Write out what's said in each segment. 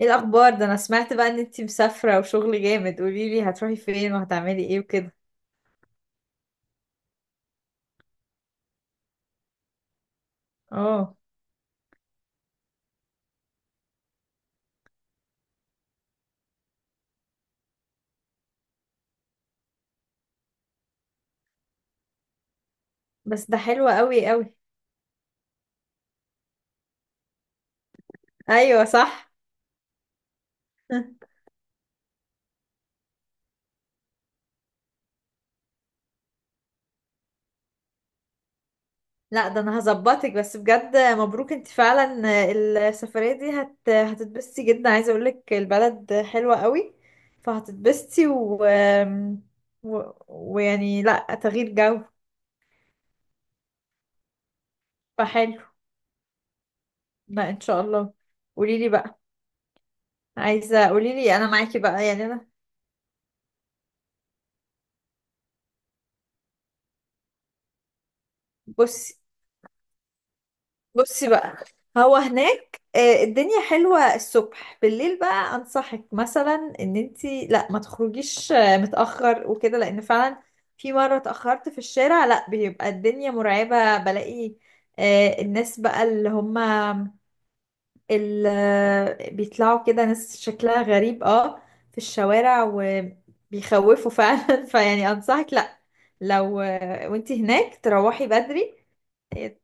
ايه الاخبار؟ ده انا سمعت بقى ان انتي مسافره وشغل جامد، قولي لي هتروحي فين وهتعملي ايه وكده. اه. بس ده حلو قوي قوي. ايوه صح. لا ده انا هظبطك، بس بجد مبروك انتي فعلا. السفريه دي هتتبسطي جدا، عايزه اقولك البلد حلوه قوي، فهتتبسطي و... و... ويعني لا تغيير جو، فحلو. لا ان شاء الله. قولي لي بقى، عايزه قولي لي انا معاكي بقى، يعني انا. بصي بصي بقى، هو هناك الدنيا حلوة الصبح، بالليل بقى أنصحك مثلا إن انتي لا ما تخرجيش متأخر وكده، لأن فعلا في مرة اتأخرت في الشارع لا بيبقى الدنيا مرعبة، بلاقي الناس بقى اللي هما اللي بيطلعوا كده ناس شكلها غريب. اه، في الشوارع وبيخوفوا فعلا فيعني أنصحك لا، لو وانتي هناك تروحي بدري،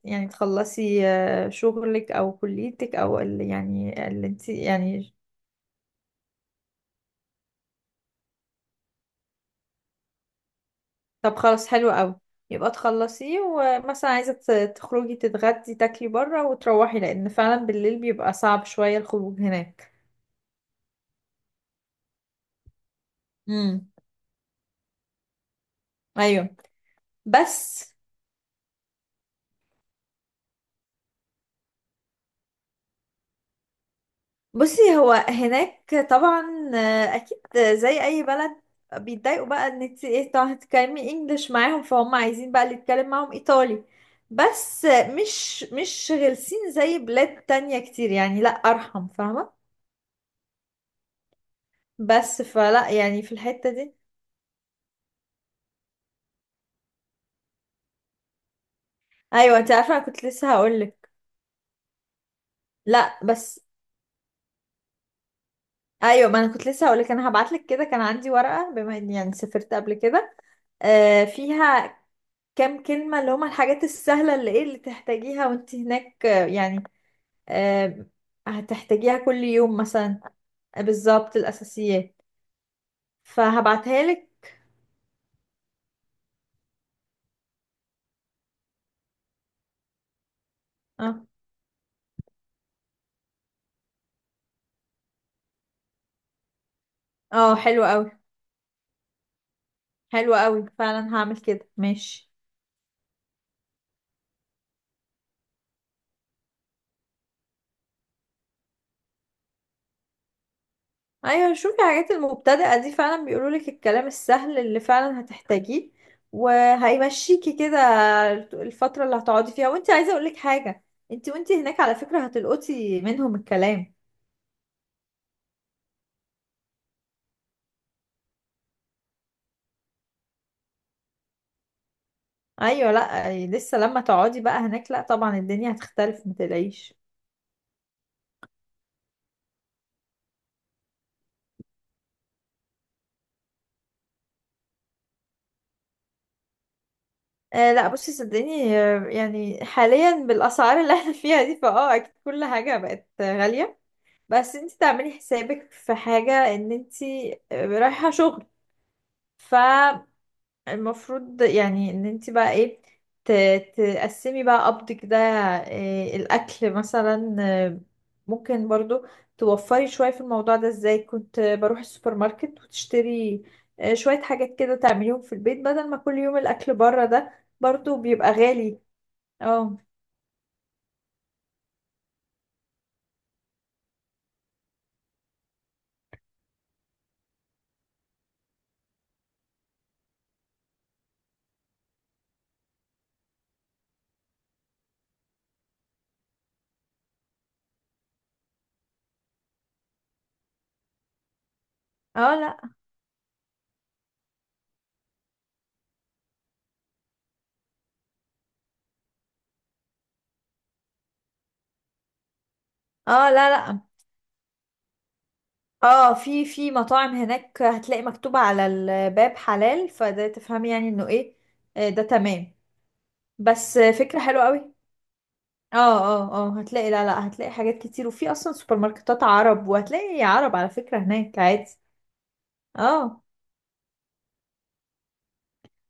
يعني تخلصي شغلك او كليتك يعني اللي انت يعني. طب خلاص حلو قوي، يبقى تخلصيه، ومثلا عايزة تخرجي تتغدي تاكلي بره وتروحي، لان فعلا بالليل بيبقى صعب شوية الخروج هناك. امم. ايوه. بس بصي، هو هناك طبعا اكيد زي اي بلد بيتضايقوا بقى ان انت ايه، طبعا هتتكلمي انجلش معاهم، فهم عايزين بقى اللي يتكلم معاهم ايطالي، بس مش غلسين زي بلاد تانية كتير، يعني لا ارحم، فاهمة؟ بس فلا يعني في الحتة دي. ايوه انت عارفة انا كنت لسه هقولك. لا بس. ايوه ما انا كنت لسه هقولك، انا هبعتلك كده كان عندي ورقة بما اني يعني سافرت قبل كده، فيها كام كلمة اللي هما الحاجات السهلة اللي ايه اللي تحتاجيها وانت هناك، يعني آه، هتحتاجيها كل يوم مثلا. بالظبط الأساسيات، فهبعتها لك. اه اه، حلو قوي. حلو قوي فعلا، هعمل كده، ماشي. ايوه شوفي الحاجات المبتدئة دي، فعلا بيقولوا لك الكلام السهل اللي فعلا هتحتاجيه، وهيمشيكي كده الفترة اللي هتقعدي فيها. وانت عايزة اقول لك حاجة، انت وانت هناك على فكرة هتلقطي منهم الكلام. ايوه لا لسه لما تقعدي بقى هناك، لا طبعا الدنيا هتختلف، ما تلاقيش. لا بصي، صدقيني يعني حاليا بالاسعار اللي احنا فيها دي فاه، اكيد كل حاجه بقت غاليه. بس انت تعملي حسابك في حاجه ان انت رايحه شغل، ف المفروض يعني ان انت بقى ايه تقسمي بقى قبضك ده. إيه الاكل مثلا؟ ممكن برضو توفري شوية في الموضوع ده، ازاي؟ كنت بروح السوبر ماركت وتشتري شوية حاجات كده تعمليهم في البيت، بدل ما كل يوم الاكل بره ده برضو بيبقى غالي. اه. اه لا. اه لا لا. اه، في مطاعم هناك هتلاقي مكتوب على الباب حلال، فده تفهمي يعني انه ايه. ده تمام. بس فكرة حلوة قوي. اه اه اه هتلاقي، لا لا، هتلاقي حاجات كتير، وفي اصلا سوبر ماركتات عرب، وهتلاقي عرب على فكرة هناك عادي. اه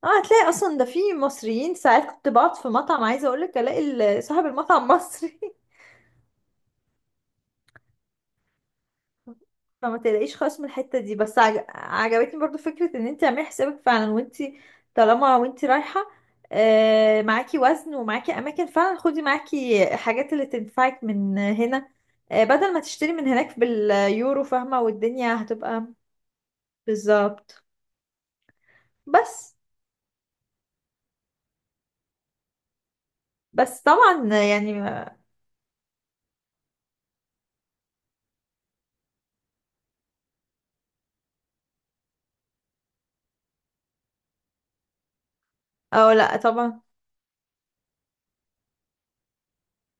اه هتلاقي اصلا ده في مصريين، ساعات كنت بقعد في مطعم، عايزة اقولك الاقي صاحب المطعم مصري. فما تلاقيش خالص من الحتة دي، بس عجبتني برضو فكرة ان انت تعملي حسابك فعلا وانت طالما وانت رايحة، معاكي وزن ومعاكي اماكن، فعلا خدي معاكي حاجات اللي تنفعك من هنا، بدل ما تشتري من هناك باليورو، فاهمة؟ والدنيا هتبقى بالظبط. بس بس طبعا يعني. او لا طبعا.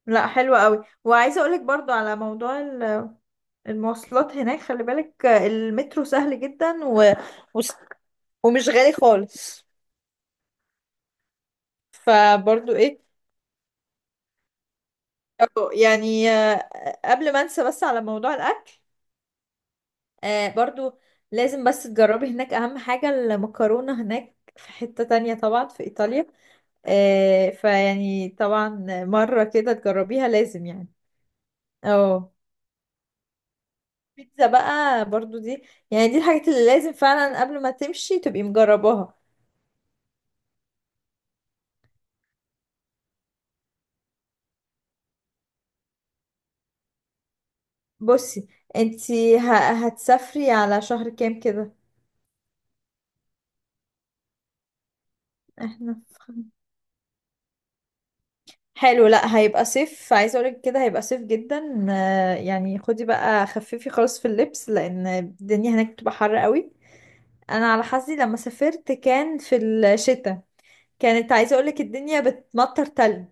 لا حلوة قوي. وعايزة اقولك برضو على موضوع المواصلات هناك، خلي بالك المترو سهل جدا و... و... ومش غالي خالص، فبرضو ايه. أو يعني قبل ما انسى، بس على موضوع الاكل برضو لازم بس تجربي هناك، اهم حاجة المكرونة هناك في حتة تانية طبعا في ايطاليا، فيعني طبعا مرة كده تجربيها لازم، يعني. اه. بيتزا بقى برضو دي، يعني دي الحاجات اللي لازم فعلا قبل ما تمشي تبقي مجرباها. بصي انتي هتسافري على شهر كام كده؟ احنا في خم- حلو، لا هيبقى صيف، عايزه اقولك كده هيبقى صيف جدا، يعني خدي بقى خففي خالص في اللبس، لان الدنيا هناك بتبقى حر قوي. انا على حظي لما سافرت كان في الشتاء، كانت عايزه اقولك الدنيا بتمطر تلج.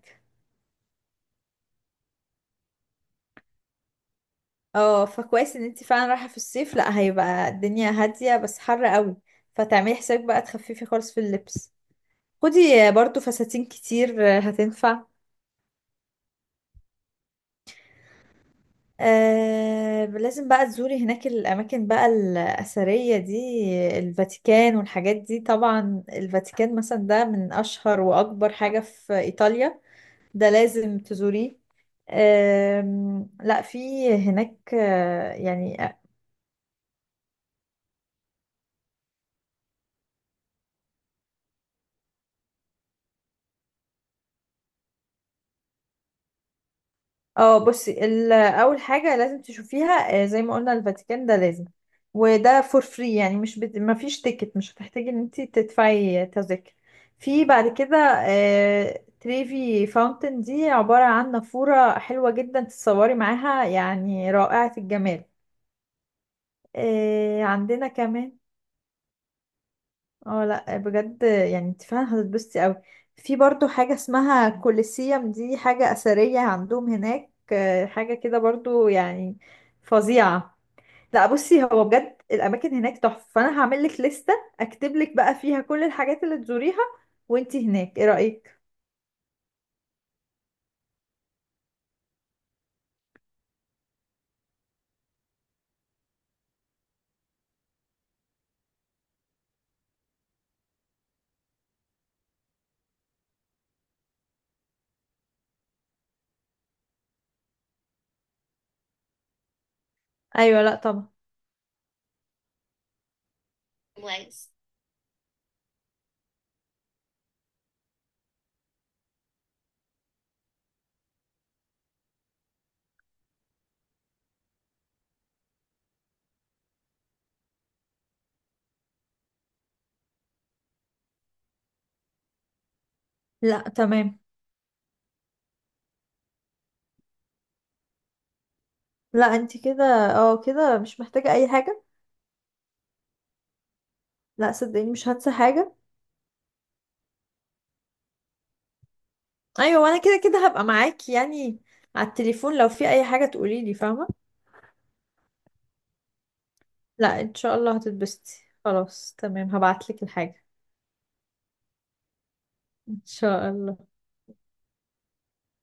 اه فكويس ان انت فعلا رايحه في الصيف، لا هيبقى الدنيا هاديه بس حر قوي، فتعملي حسابك بقى تخففي خالص في اللبس، خدي برضو فساتين كتير هتنفع. لازم بقى تزوري هناك الاماكن بقى الاثريه دي، الفاتيكان والحاجات دي، طبعا الفاتيكان مثلا ده من اشهر واكبر حاجه في ايطاليا، ده لازم تزوريه. لا في هناك يعني. اه بصي اول حاجه لازم تشوفيها، زي ما قلنا الفاتيكان ده لازم، وده فور فري، يعني مش ما فيش تيكت، مش هتحتاجي ان انت تدفعي تذاكر. في بعد كده تريفي فاونتن، دي عباره عن نافوره حلوه جدا، تتصوري معاها، يعني رائعه الجمال. عندنا كمان. اه لا بجد، يعني انت فعلا هتتبسطي قوي. في برضو حاجة اسمها كوليسيوم، دي حاجة أثرية عندهم هناك، حاجة كده برضو، يعني فظيعة. لا بصي هو بجد الأماكن هناك تحفة، فأنا هعمل لك لستة، أكتب لك بقى فيها كل الحاجات اللي تزوريها وانت هناك، ايه رأيك؟ أيوة لا طبعا. لا تمام. لا انت كده، اه كده مش محتاجة أي حاجة. لا صدقيني مش هنسى حاجة. أيوة وأنا كده كده هبقى معاكي، يعني على التليفون لو في أي حاجة تقوليلي، فاهمة؟ لا ان شاء الله هتتبسطي. خلاص تمام، هبعتلك الحاجة، ان شاء الله.